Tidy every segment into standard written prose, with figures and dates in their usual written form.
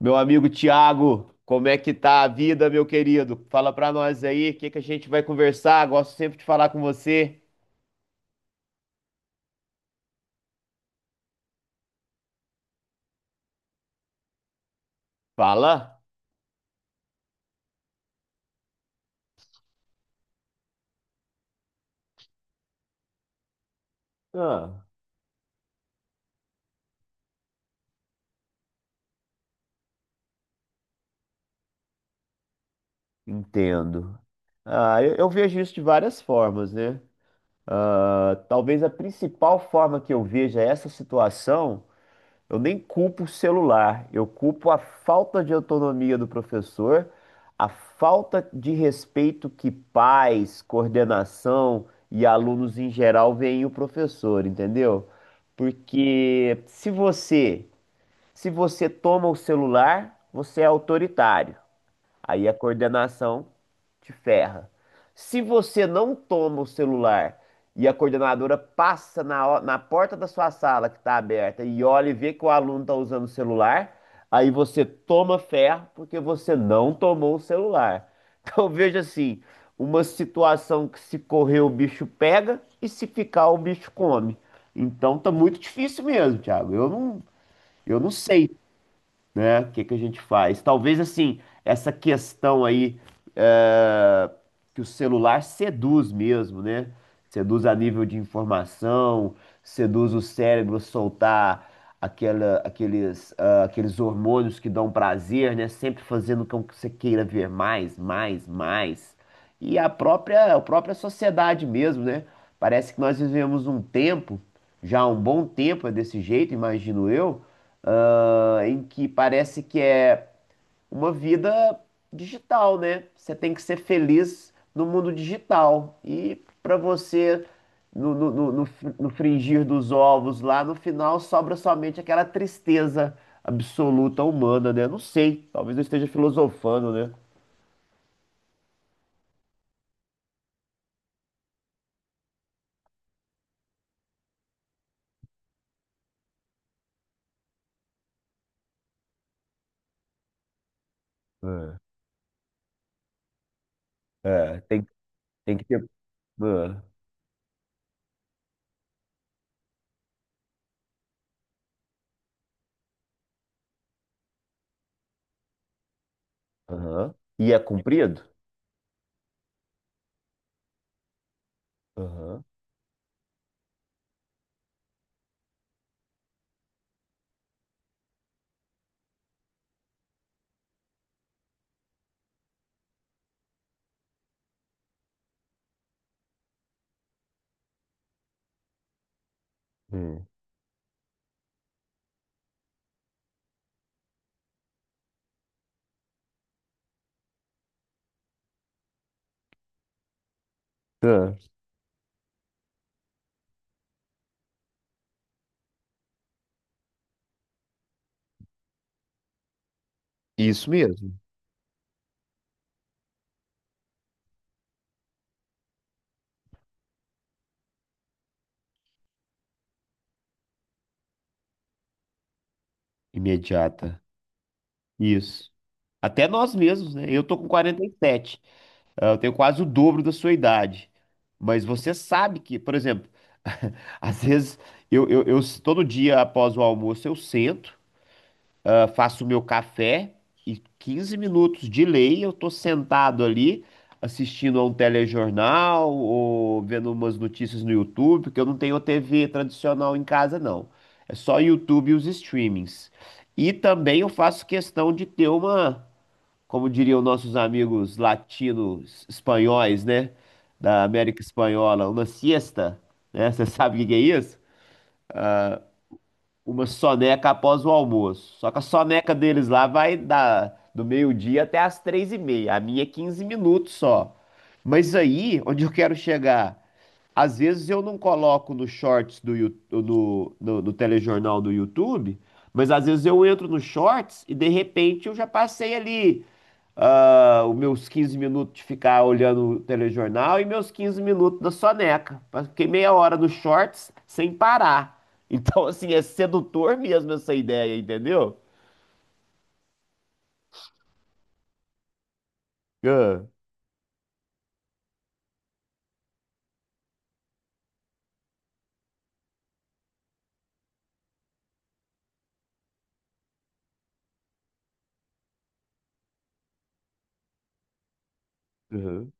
Meu amigo Tiago, como é que tá a vida, meu querido? Fala pra nós aí, o que que a gente vai conversar? Gosto sempre de falar com você. Fala? Ah, Entendo. Eu vejo isso de várias formas, né? Talvez a principal forma que eu veja essa situação. Eu nem culpo o celular, eu culpo a falta de autonomia do professor, a falta de respeito que pais, coordenação e alunos em geral veem o professor, entendeu? Porque se você, Se você toma o celular, você é autoritário. Aí a coordenação te ferra. Se você não toma o celular e a coordenadora passa na porta da sua sala que está aberta e olha e vê que o aluno está usando o celular, aí você toma ferro porque você não tomou o celular. Então veja assim, uma situação que se correr o bicho pega e se ficar o bicho come. Então tá muito difícil mesmo, Thiago. Eu não sei, né? O que que a gente faz? Talvez assim, essa questão aí é, que o celular seduz mesmo, né? Seduz a nível de informação, seduz o cérebro a soltar aqueles hormônios que dão prazer, né? Sempre fazendo com que você queira ver mais, mais, mais. E a própria sociedade mesmo, né? Parece que nós vivemos um tempo, já há um bom tempo é desse jeito, imagino eu, em que parece que é uma vida digital, né? Você tem que ser feliz no mundo digital. E para você, no frigir dos ovos lá, no final sobra somente aquela tristeza absoluta humana, né? Não sei, talvez eu esteja filosofando, né? Ah, É, tem que ter. ah, aham. E é cumprido? Aham. Hum. Ah, Isso mesmo. Imediata. Isso. Até nós mesmos, né? Eu tô com 47. Eu tenho quase o dobro da sua idade. Mas você sabe que, por exemplo, às vezes todo dia após o almoço eu sento, faço o meu café e 15 minutos de lei eu tô sentado ali assistindo a um telejornal ou vendo umas notícias no YouTube, porque eu não tenho TV tradicional em casa, não. É só YouTube e os streamings. E também eu faço questão de ter uma, como diriam nossos amigos latinos espanhóis, né? Da América Espanhola, uma siesta, né? Você sabe o que que é isso? Uma soneca após o almoço. Só que a soneca deles lá vai da, do meio-dia até às três e meia. A minha é 15 minutos só. Mas aí, onde eu quero chegar? Às vezes eu não coloco no shorts do, no telejornal do YouTube, mas às vezes eu entro no shorts e de repente eu já passei ali os meus 15 minutos de ficar olhando o telejornal e meus 15 minutos da soneca. Mas fiquei meia hora nos shorts sem parar. Então, assim, é sedutor mesmo essa ideia, entendeu? Ah, aham,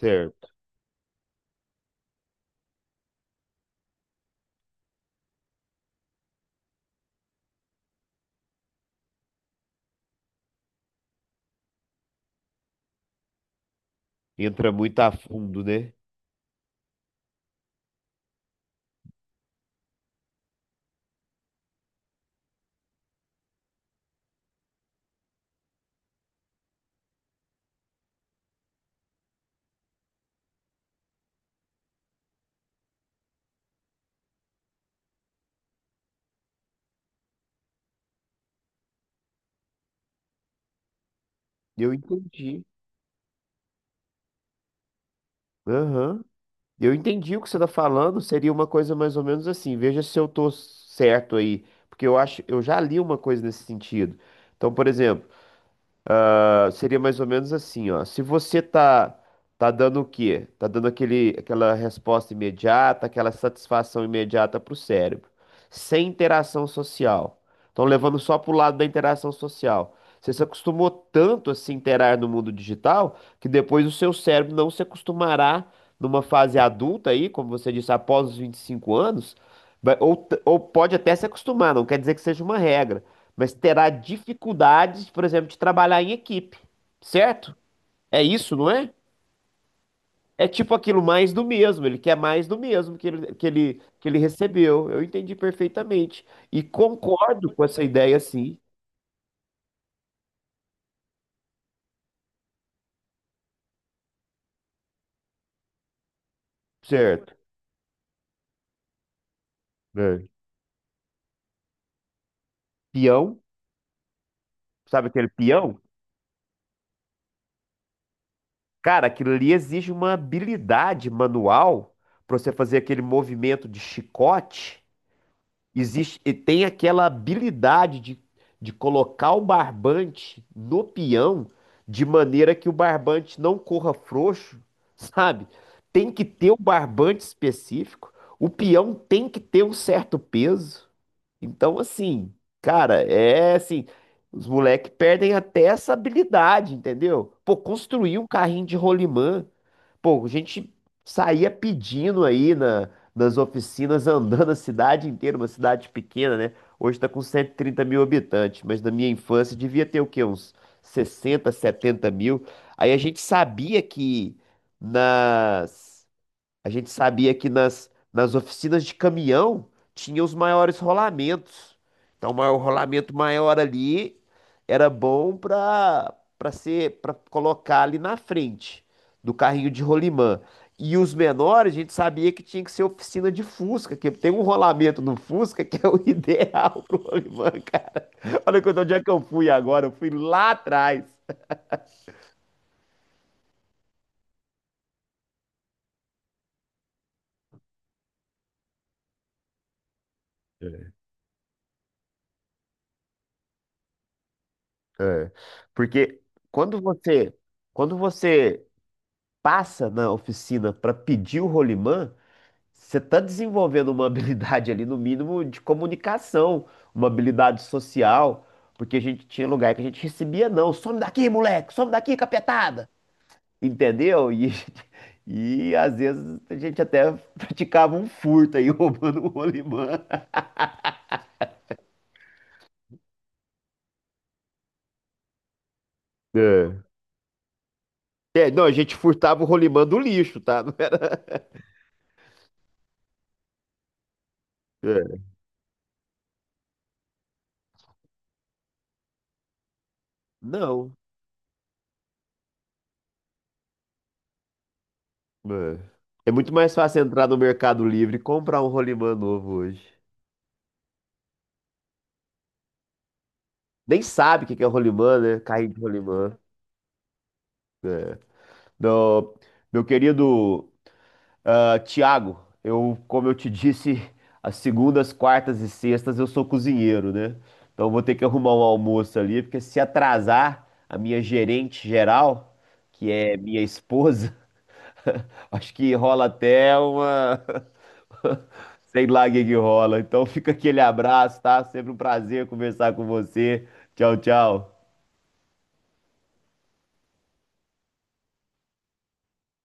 certo. Entra muito a fundo, né? Eu entendi. Aham. Eu entendi o que você está falando. Seria uma coisa mais ou menos assim. Veja se eu tô certo aí. Porque eu acho, eu já li uma coisa nesse sentido. Então, por exemplo. Seria mais ou menos assim, ó. Se você tá Tá dando o quê? Tá dando aquela resposta imediata, aquela satisfação imediata pro cérebro, sem interação social. Então, levando só pro lado da interação social. Você se acostumou tanto a se interar no mundo digital que depois o seu cérebro não se acostumará numa fase adulta aí, como você disse, após os 25 anos, ou pode até se acostumar, não quer dizer que seja uma regra, mas terá dificuldades, por exemplo, de trabalhar em equipe, certo? É isso, não é? É tipo aquilo, mais do mesmo, ele quer mais do mesmo que que ele recebeu. Eu entendi perfeitamente. E concordo com essa ideia, sim, certo? É. Peão, sabe aquele peão? Cara, aquilo ali exige uma habilidade manual para você fazer aquele movimento de chicote. Existe, e tem aquela habilidade de colocar o barbante no peão de maneira que o barbante não corra frouxo, sabe? Tem que ter o barbante específico, o peão tem que ter um certo peso. Então, assim, cara, é assim, os moleques perdem até essa habilidade, entendeu? Pô, construir um carrinho de rolimã. Pô, a gente saía pedindo aí nas oficinas, andando a cidade inteira, uma cidade pequena, né? Hoje tá com 130 mil habitantes, mas na minha infância devia ter o quê? Uns sessenta, 70 mil. Aí nas a gente sabia que nas oficinas de caminhão tinha os maiores rolamentos. Então, o rolamento maior ali era bom para para ser para colocar ali na frente do carrinho de rolimã. E os menores, a gente sabia que tinha que ser oficina de Fusca, que tem um rolamento no Fusca que é o ideal pro rolimã, cara. Olha quanto onde é que eu fui agora, eu fui lá atrás. É, porque quando você quando você passa na oficina para pedir o rolimã, você está desenvolvendo uma habilidade ali, no mínimo, de comunicação, uma habilidade social, porque a gente tinha lugar que a gente recebia não, some daqui, moleque, some daqui, capetada, entendeu? E, e às vezes a gente até praticava um furto aí, roubando o rolimã. É, É, não, a gente furtava o rolimã do lixo, tá? Não era... É. Não. É. É muito mais fácil entrar no Mercado Livre e comprar um rolimã novo hoje. Nem sabe o que que é rolimã, né? Carrinho de rolimã. É. Não, meu querido, Tiago, eu, como eu te disse, as segundas, quartas e sextas eu sou cozinheiro, né? Então eu vou ter que arrumar um almoço ali, porque se atrasar a minha gerente geral, que é minha esposa, acho que rola até uma. Sei lá o que que rola. Então fica aquele abraço, tá? Sempre um prazer conversar com você. Tchau, tchau.